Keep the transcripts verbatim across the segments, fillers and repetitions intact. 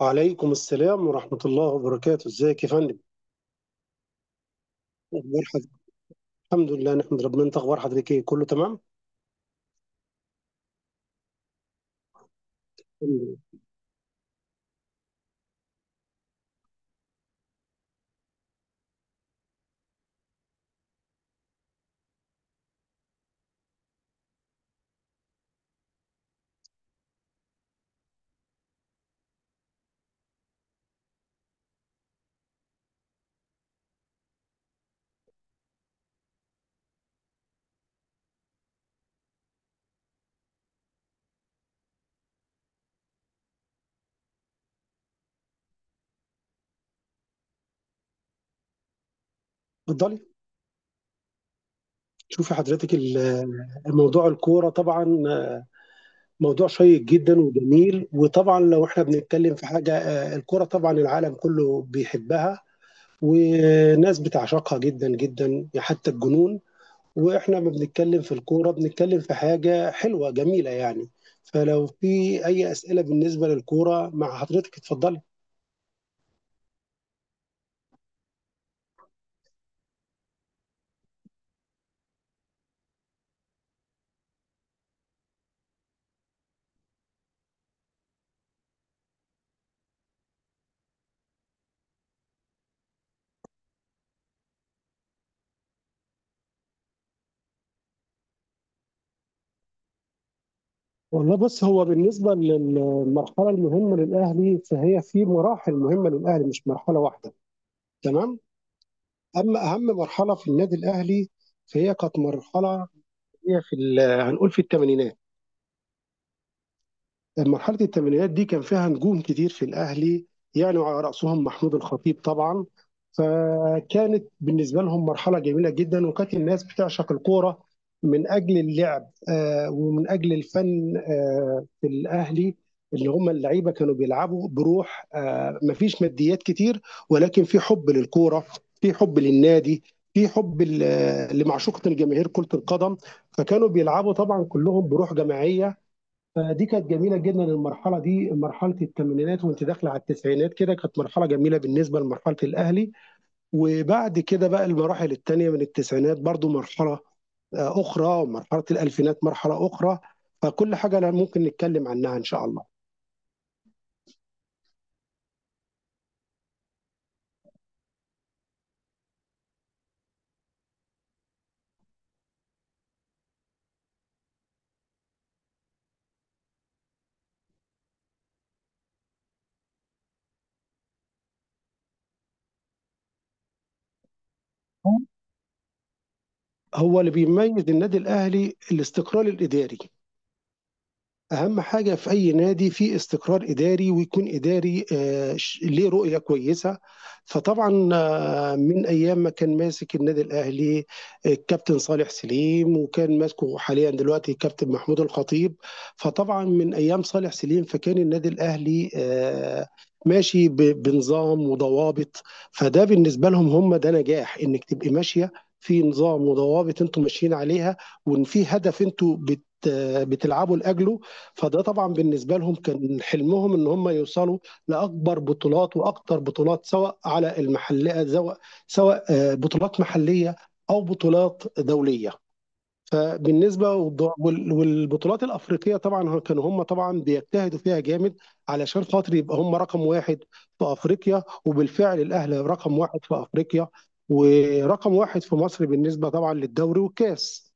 وعليكم السلام ورحمة الله وبركاته، ازيك يا فندم؟ اخبار حضرتك. الحمد لله نحمد ربنا، انت اخبار حضرتك ايه، كله تمام؟ الحمد لله. اتفضلي. شوفي حضرتك ال- موضوع الكورة طبعا موضوع شيق جدا وجميل، وطبعا لو احنا بنتكلم في حاجة آه، الكورة طبعا العالم كله بيحبها، وناس بتعشقها جدا جدا حتى الجنون. واحنا ما بنتكلم في الكورة، بنتكلم في حاجة حلوة جميلة يعني. فلو في اي أسئلة بالنسبة للكورة مع حضرتك، اتفضلي. والله بص، هو بالنسبة للمرحلة المهمة للأهلي، فهي في مراحل مهمة للأهلي، مش مرحلة واحدة. تمام. أما أهم مرحلة في النادي الأهلي فهي كانت مرحلة، هي في ال- هنقول في الثمانينات. مرحلة الثمانينات دي كان فيها نجوم كتير في الأهلي يعني، وعلى رأسهم محمود الخطيب طبعا. فكانت بالنسبة لهم مرحلة جميلة جدا، وكانت الناس بتعشق الكورة من أجل اللعب آه، ومن أجل الفن آه، في الأهلي. اللي هم اللعيبة كانوا بيلعبوا بروح، آه، مفيش ماديات كتير، ولكن في حب للكورة، في حب للنادي، في حب ل- لمعشوقة الجماهير كرة القدم. فكانوا بيلعبوا طبعا كلهم بروح جماعية. فدي كانت جميله جدا المرحله دي، مرحله الثمانينات، وانت داخله على التسعينات كده، كانت مرحله جميله بالنسبه لمرحله الاهلي. وبعد كده بقى المراحل الثانيه من التسعينات برضو مرحله آه، اخرى، ومرحله الالفينات مرحله اخرى. فكل حاجه لا ممكن نتكلم عنها ان شاء الله. هو اللي بيميز النادي الاهلي الاستقرار الاداري. اهم حاجه في اي نادي في استقرار اداري، ويكون اداري آه، ش- ليه رؤيه كويسه. فطبعا من ايام ما كان ماسك النادي الاهلي الكابتن صالح سليم، وكان ماسكه حاليا دلوقتي الكابتن محمود الخطيب. فطبعا من ايام صالح سليم فكان النادي الاهلي آه ماشي ب- بنظام وضوابط. فده بالنسبه لهم هم ده نجاح، انك تبقي ماشيه في نظام وضوابط انتم ماشيين عليها، وان في هدف انتم بت بتلعبوا لاجله. فده طبعا بالنسبه لهم كان حلمهم ان هم يوصلوا لاكبر بطولات واكتر بطولات، سواء على المحليه، سواء آه، بطولات محلية أو بطولات دولية. فبالنسبة والد- وال- والبطولات الأفريقية طبعا هو- كانوا هم طبعا بيجتهدوا فيها جامد علشان خاطر يبقى هم رقم واحد في أفريقيا. وبالفعل الأهلي رقم واحد في أفريقيا، ورقم واحد في مصر بالنسبة طبعا للدوري والكاس.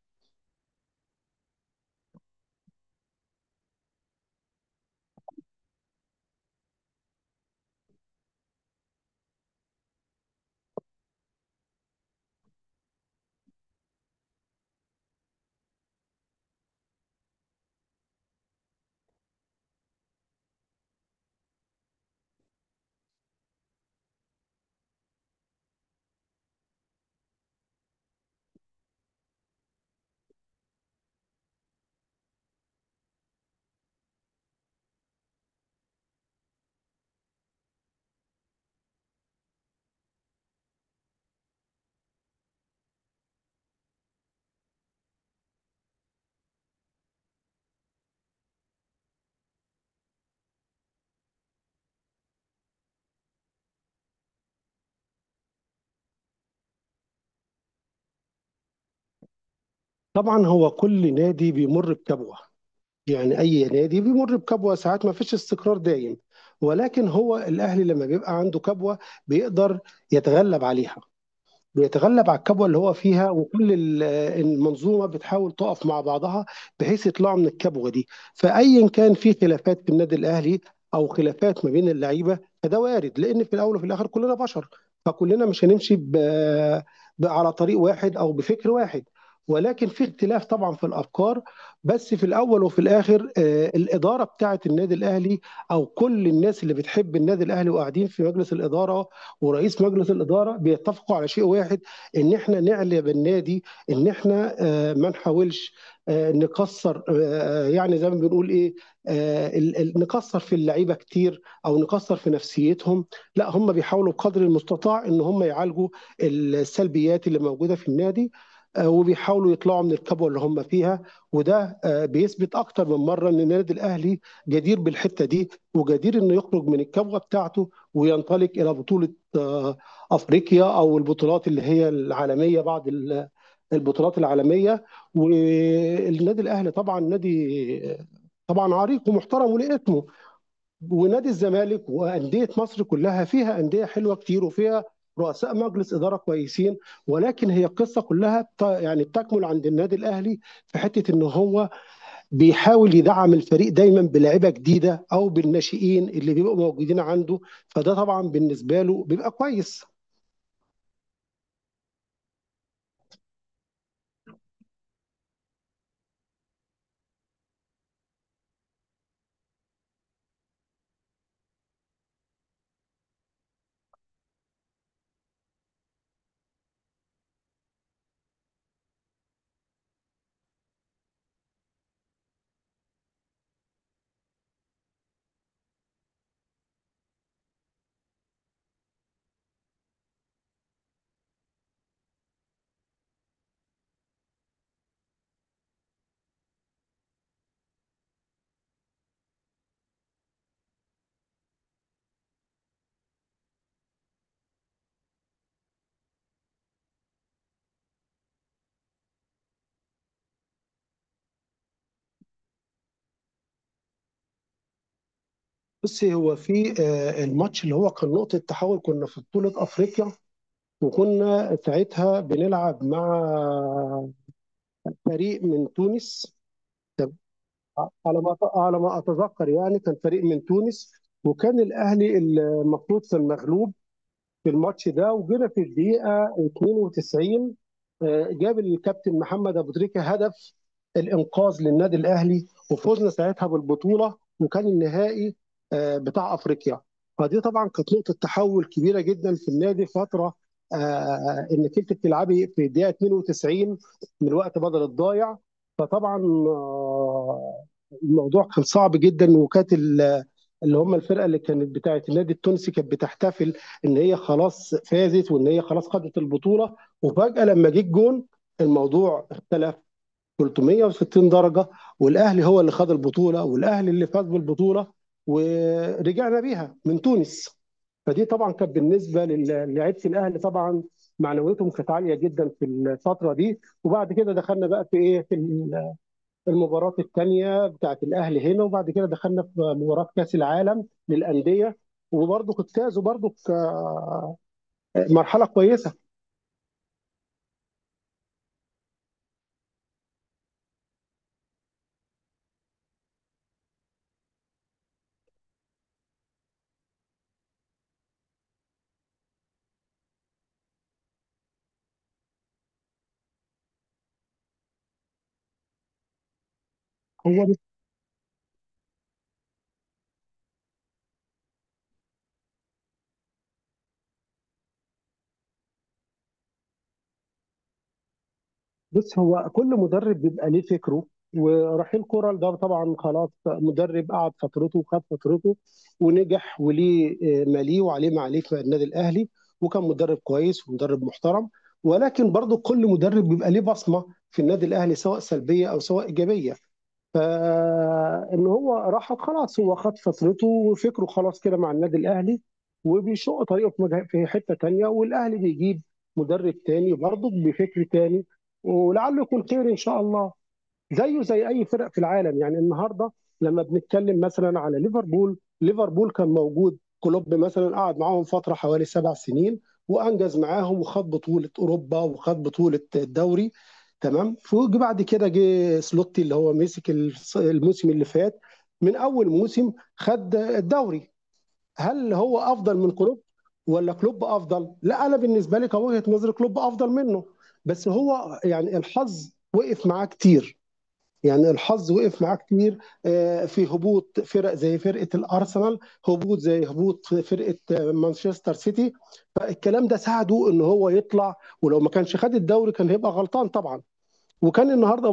طبعا هو كل نادي بيمر بكبوة، يعني أي نادي بيمر بكبوة ساعات، ما فيش استقرار دايم. ولكن هو الأهلي لما بيبقى عنده كبوة بيقدر يتغلب عليها، بيتغلب على الكبوة اللي هو فيها، وكل ال- المنظومة بتحاول تقف مع بعضها بحيث يطلعوا من الكبوة دي. فأيا كان في خلافات في النادي الأهلي أو خلافات ما بين اللعيبة، فده وارد، لأن في الأول وفي الآخر كلنا بشر. فكلنا مش هنمشي ب... ب... على طريق واحد أو بفكر واحد، ولكن في اختلاف طبعا في الافكار. بس في الاول وفي الاخر آه، الاداره بتاعه النادي الاهلي، او كل الناس اللي بتحب النادي الاهلي وقاعدين في مجلس الاداره ورئيس مجلس الاداره، بيتفقوا على شيء واحد، ان احنا نعلي بالنادي، ان احنا آه، ما نحاولش آه، نكسر آه، آه، يعني زي ما بنقول ايه، نكسر في اللعيبه كتير او نكسر في نفسيتهم. لا، هم بيحاولوا بقدر المستطاع ان هم يعالجوا السلبيات اللي موجوده في النادي، آه، وبيحاولوا يطلعوا من الكبوه اللي هم فيها. وده آه، بيثبت اكتر من مره ان النادي الاهلي جدير بالحته دي، وجدير انه يخرج من الكبوه بتاعته وينطلق الى بطوله آه، افريقيا او البطولات اللي هي العالميه، بعض ال- البطولات العالميه. والنادي الاهلي طبعا نادي طبعا عريق ومحترم وليه اسمه، ونادي الزمالك وانديه مصر كلها، فيها انديه حلوه كتير وفيها رؤساء مجلس اداره كويسين. ولكن هي القصه كلها بت- يعني بتكمل عند النادي الاهلي في حته ان هو بيحاول يدعم الفريق دايما بلاعيبه جديده او بالناشئين اللي بيبقوا موجودين عنده. فده طبعا بالنسبه له بيبقى كويس. بصي، هو في آه، الماتش اللي هو كان نقطة تحول، كنا في بطولة أفريقيا وكنا ساعتها بنلعب مع فريق من تونس، على ما على ما أتذكر يعني، كان فريق من تونس، وكان الأهلي المفروض في المغلوب في الماتش ده. وجينا في الدقيقه اتنين وتسعين آه، جاب الكابتن محمد ابو تريكه هدف الانقاذ للنادي الاهلي، وفوزنا ساعتها بالبطوله، وكان النهائي آه، بتاع افريقيا. فدي طبعا كانت نقطه تحول كبيره جدا في النادي، فتره آه، انك انت بتلعبي في الدقيقه اتنين وتسعين من وقت بدل الضايع. فطبعا آه، الموضوع كان صعب جدا، وكانت ال- اللي هم الفرقه اللي كانت بتاعه النادي التونسي كانت بتحتفل ان هي خلاص فازت وان هي خلاص خدت البطوله. وفجاه لما جه الجون الموضوع اختلف تلتمية وستين درجه، والاهلي هو اللي خد البطوله والاهلي اللي فاز بالبطوله، ورجعنا بيها من تونس. فدي طبعا كانت بالنسبه للاعيبه الاهلي طبعا معنويتهم كانت عاليه جدا في الفتره دي. وبعد كده دخلنا بقى في ايه، في المباراه الثانيه بتاعت الاهلي هنا، وبعد كده دخلنا في مباراه كاس العالم للانديه، وبرضه فازوا برضه مرحله كويسه. هو بص، هو كل مدرب بيبقى ليه فكره. ورحيل كورال ده طبعا خلاص، مدرب قعد فترته وخد فترته ونجح، وليه آه، ماليه وعليه ما عليه في النادي الاهلي، وكان مدرب كويس ومدرب محترم. ولكن برضه كل مدرب بيبقى ليه بصمه في النادي الاهلي، سواء سلبيه او سواء ايجابيه. آه ان هو راح خلاص، هو خد فترته وفكره خلاص كده مع النادي الاهلي، وبيشق طريقه في مجه- في حته تانيه، والاهلي بيجيب مدرب تاني برضه بفكر تاني، ولعله يكون خير ان شاء الله. زيه زي اي فرق في العالم. يعني النهارده لما بنتكلم مثلا على ليفربول، ليفربول كان موجود كلوب مثلا قعد معاهم فتره حوالي سبع سنين وانجز معاهم وخد بطوله اوروبا وخد بطوله الدوري. تمام، فوجي بعد كده جه سلوتي اللي هو مسك الص- الموسم اللي فات، من اول موسم خد الدوري. هل هو افضل من كلوب ولا كلوب افضل؟ لا، انا بالنسبه لي كوجهه نظري كلوب افضل منه. بس هو يعني الحظ وقف معاه كتير، يعني الحظ وقف معاه كتير آه، في هبوط فرق زي فرقه الارسنال، هبوط زي هبوط فرقه آه، مانشستر سيتي. فالكلام ده ساعده ان هو يطلع، ولو ما كانش خد الدوري كان هيبقى غلطان طبعا. وكان النهارده.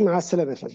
مع السلامه يا فندم.